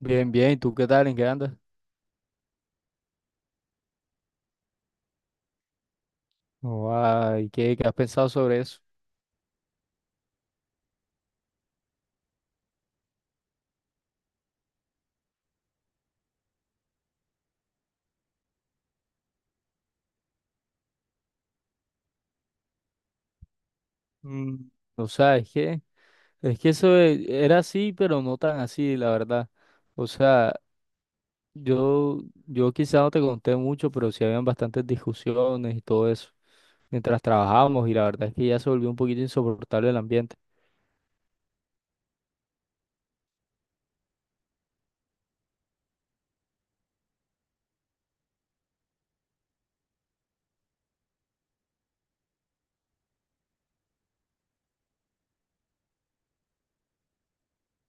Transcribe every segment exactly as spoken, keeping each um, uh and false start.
Bien, bien. ¿Y tú qué tal? ¿En qué andas? No, ay, ¿qué, qué has pensado sobre eso? Mm, O sea, es que, es que eso e- era así, pero no tan así, la verdad. O sea, yo, yo quizá no te conté mucho, pero sí habían bastantes discusiones y todo eso mientras trabajábamos, y la verdad es que ya se volvió un poquito insoportable el ambiente.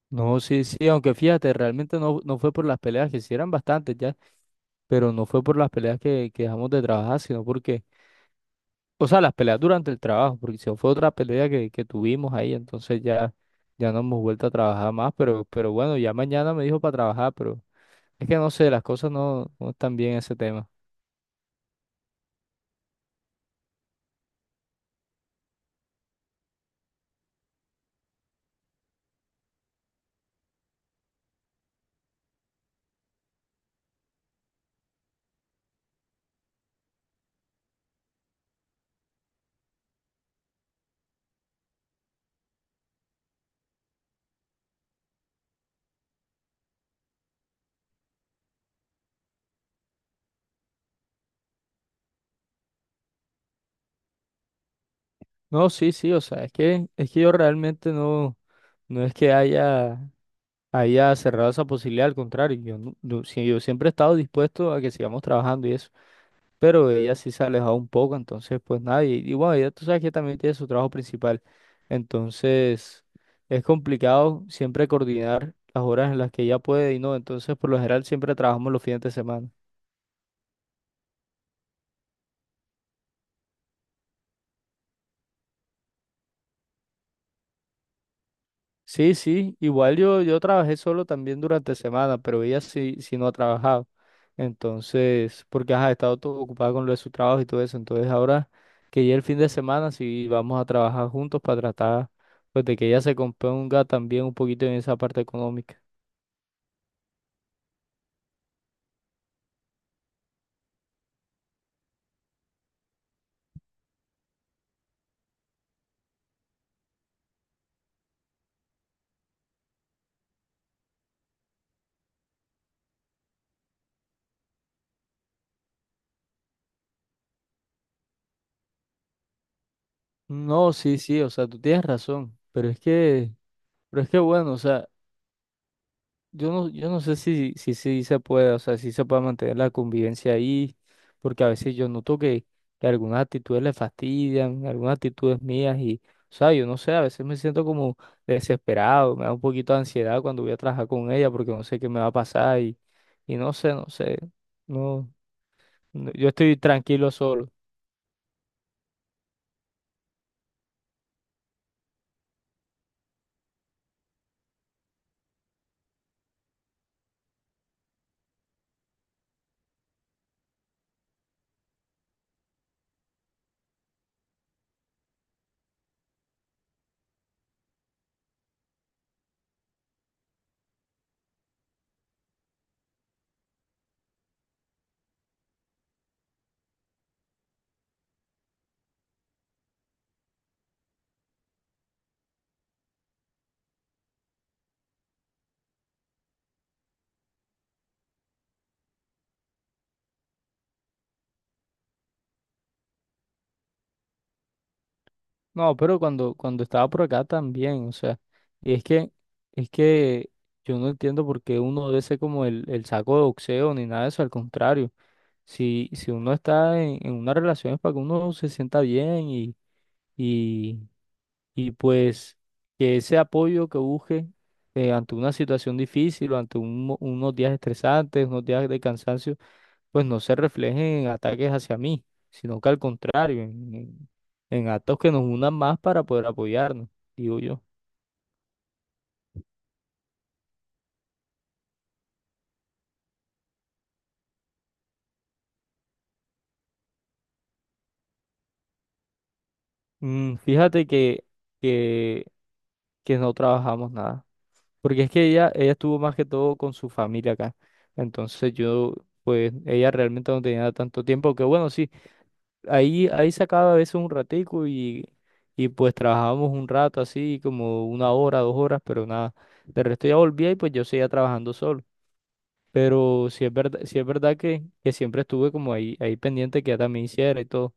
No, sí, sí, aunque fíjate, realmente no, no fue por las peleas, que sí eran bastantes ya, pero no fue por las peleas que, que dejamos de trabajar, sino porque... O sea, las peleas durante el trabajo, porque si no fue otra pelea que, que tuvimos ahí, entonces ya, ya no hemos vuelto a trabajar más, pero, pero bueno, ya mañana me dijo para trabajar, pero es que no sé, las cosas no, no están bien en ese tema. No, sí, sí, o sea, es que, es que yo realmente no, no es que haya, haya cerrado esa posibilidad, al contrario, yo, no- yo, sí, yo siempre he estado dispuesto a que sigamos trabajando y eso. Pero ella sí se ha alejado un poco, entonces pues nada, y, y bueno, ella tú sabes que también tiene su trabajo principal, entonces es complicado siempre coordinar las horas en las que ella puede y no, entonces por lo general siempre trabajamos los fines de semana. Sí, sí, igual yo, yo trabajé solo también durante semana, pero ella sí, sí no ha trabajado. Entonces, porque ajá, ha estado todo ocupada con lo de su trabajo y todo eso. Entonces, ahora que ya el fin de semana sí vamos a trabajar juntos para tratar pues de que ella se componga también un poquito en esa parte económica. No, sí, sí, o sea, tú tienes razón, pero es que, pero es que bueno, o sea, Yo no, yo no sé si, si, sí se puede, o sea, si se puede mantener la convivencia ahí, porque a veces yo noto que, que algunas actitudes le fastidian, algunas actitudes mías y, o sea, yo no sé, a veces me siento como desesperado, me da un poquito de ansiedad cuando voy a trabajar con ella porque no sé qué me va a pasar y, y no sé, no sé, no, no, yo estoy tranquilo solo. No, pero cuando, cuando estaba por acá también, o sea, y es que, es que yo no entiendo por qué uno debe ser como el, el saco de boxeo ni nada de eso, al contrario, si, si uno está en, en una relación es para que uno se sienta bien y, y, y pues que ese apoyo que busque eh, ante una situación difícil o ante un mo- unos días estresantes, unos días de cansancio, pues no se reflejen en ataques hacia mí, sino que al contrario, en, en- en actos que nos unan más para poder apoyarnos, digo yo. Mm, fíjate que, que, que no trabajamos nada, porque es que ella, ella estuvo más que todo con su familia acá, entonces yo, pues ella realmente no tenía tanto tiempo, que bueno, sí, ahí, ahí sacaba a veces un ratico y, y pues trabajábamos un rato así, como una hora, dos horas, pero nada, de resto ya volvía y pues yo seguía trabajando solo. Pero sí es verdad, sí es verdad que, que siempre estuve como ahí, ahí pendiente que ya también hiciera y todo.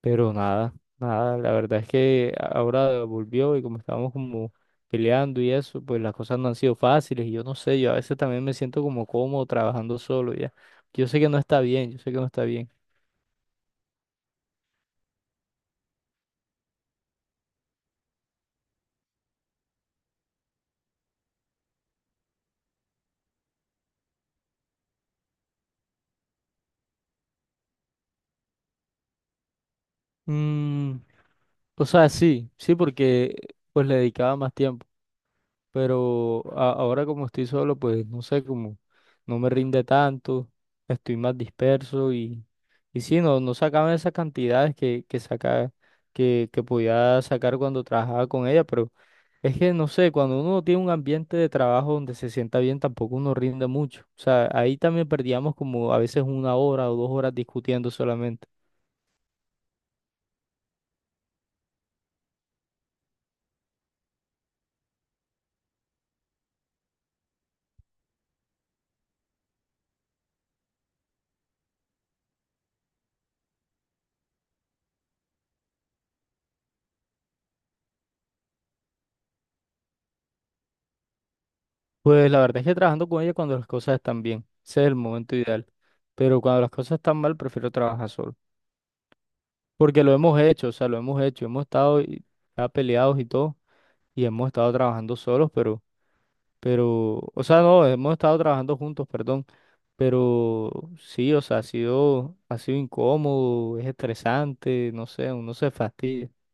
Pero nada, nada, la verdad es que ahora volvió y como estábamos como peleando y eso, pues las cosas no han sido fáciles y yo no sé, yo a veces también me siento como cómodo trabajando solo ya. Yo sé que no está bien, yo sé que no está bien. Mm, o sea, sí, sí, porque pues le dedicaba más tiempo. Pero a- ahora como estoy solo, pues no sé, como no me rinde tanto, estoy más disperso y, y sí, no, no sacaba esas cantidades que, que saca, que, que podía sacar cuando trabajaba con ella, pero es que no sé, cuando uno tiene un ambiente de trabajo donde se sienta bien, tampoco uno rinde mucho. O sea, ahí también perdíamos como a veces una hora o dos horas discutiendo solamente. Pues la verdad es que trabajando con ella cuando las cosas están bien, ese es el momento ideal. Pero cuando las cosas están mal, prefiero trabajar solo. Porque lo hemos hecho, o sea, lo hemos hecho, hemos estado y- ya peleados y todo, y hemos estado trabajando solos, pero, pero, o sea, no, hemos estado trabajando juntos, perdón, pero sí, o sea, ha sido, ha sido incómodo, es estresante, no sé, uno se fastidia.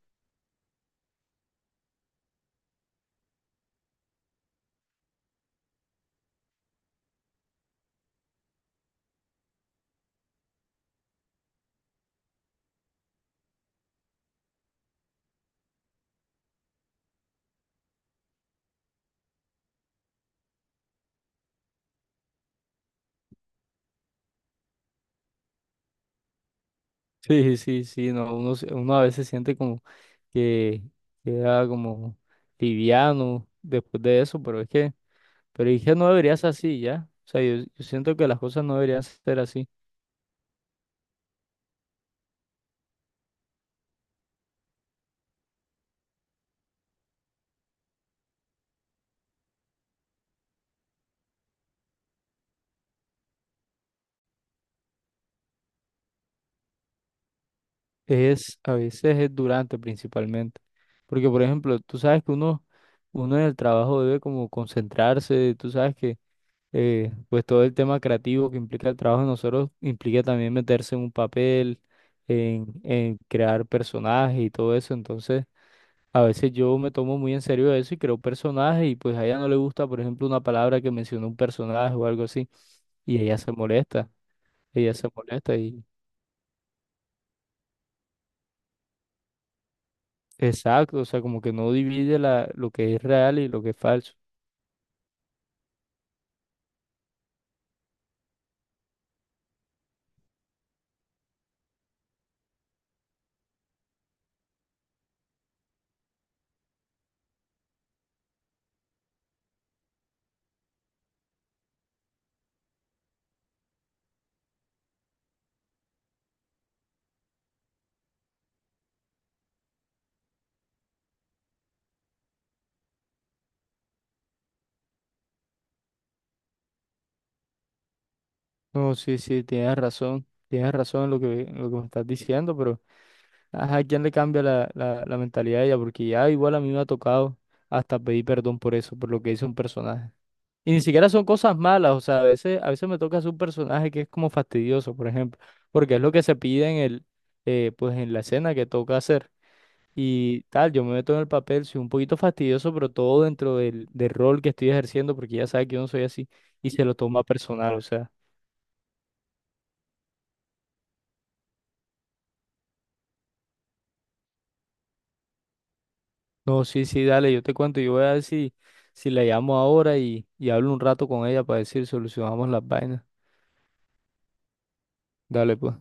Sí, sí, sí, no, uno, se- uno a veces siente como que queda como liviano después de eso, pero es que, pero es que no debería ser así, ¿ya? O sea, yo, yo siento que las cosas no deberían ser así. Es a veces es durante principalmente. Porque, por ejemplo, tú sabes que uno, uno en el trabajo debe como concentrarse, tú sabes que eh, pues todo el tema creativo que implica el trabajo de nosotros implica también meterse en un papel, en, en crear personajes y todo eso. Entonces, a veces yo me tomo muy en serio eso y creo personajes y pues a ella no le gusta, por ejemplo, una palabra que mencionó un personaje o algo así y ella se molesta, ella se molesta y... Exacto, o sea, como que no divide la, lo que es real y lo que es falso. No, sí, sí, tienes razón, tienes razón en lo que, en lo que me estás diciendo, pero ajá, ¿quién le cambia la, la, la mentalidad a ella? Porque ya igual a mí me ha tocado hasta pedir perdón por eso, por lo que hizo un personaje. Y ni siquiera son cosas malas, o sea, a veces, a veces me toca hacer un personaje que es como fastidioso, por ejemplo, porque es lo que se pide en el, eh, pues en la escena que toca hacer. Y tal, yo me meto en el papel, soy un poquito fastidioso, pero todo dentro del, del rol que estoy ejerciendo, porque ya sabe que yo no soy así, y se lo toma personal, o sea, no, sí, sí, dale, yo te cuento, yo voy a ver si, si la llamo ahora y, y hablo un rato con ella para decir, solucionamos las vainas. Dale, pues.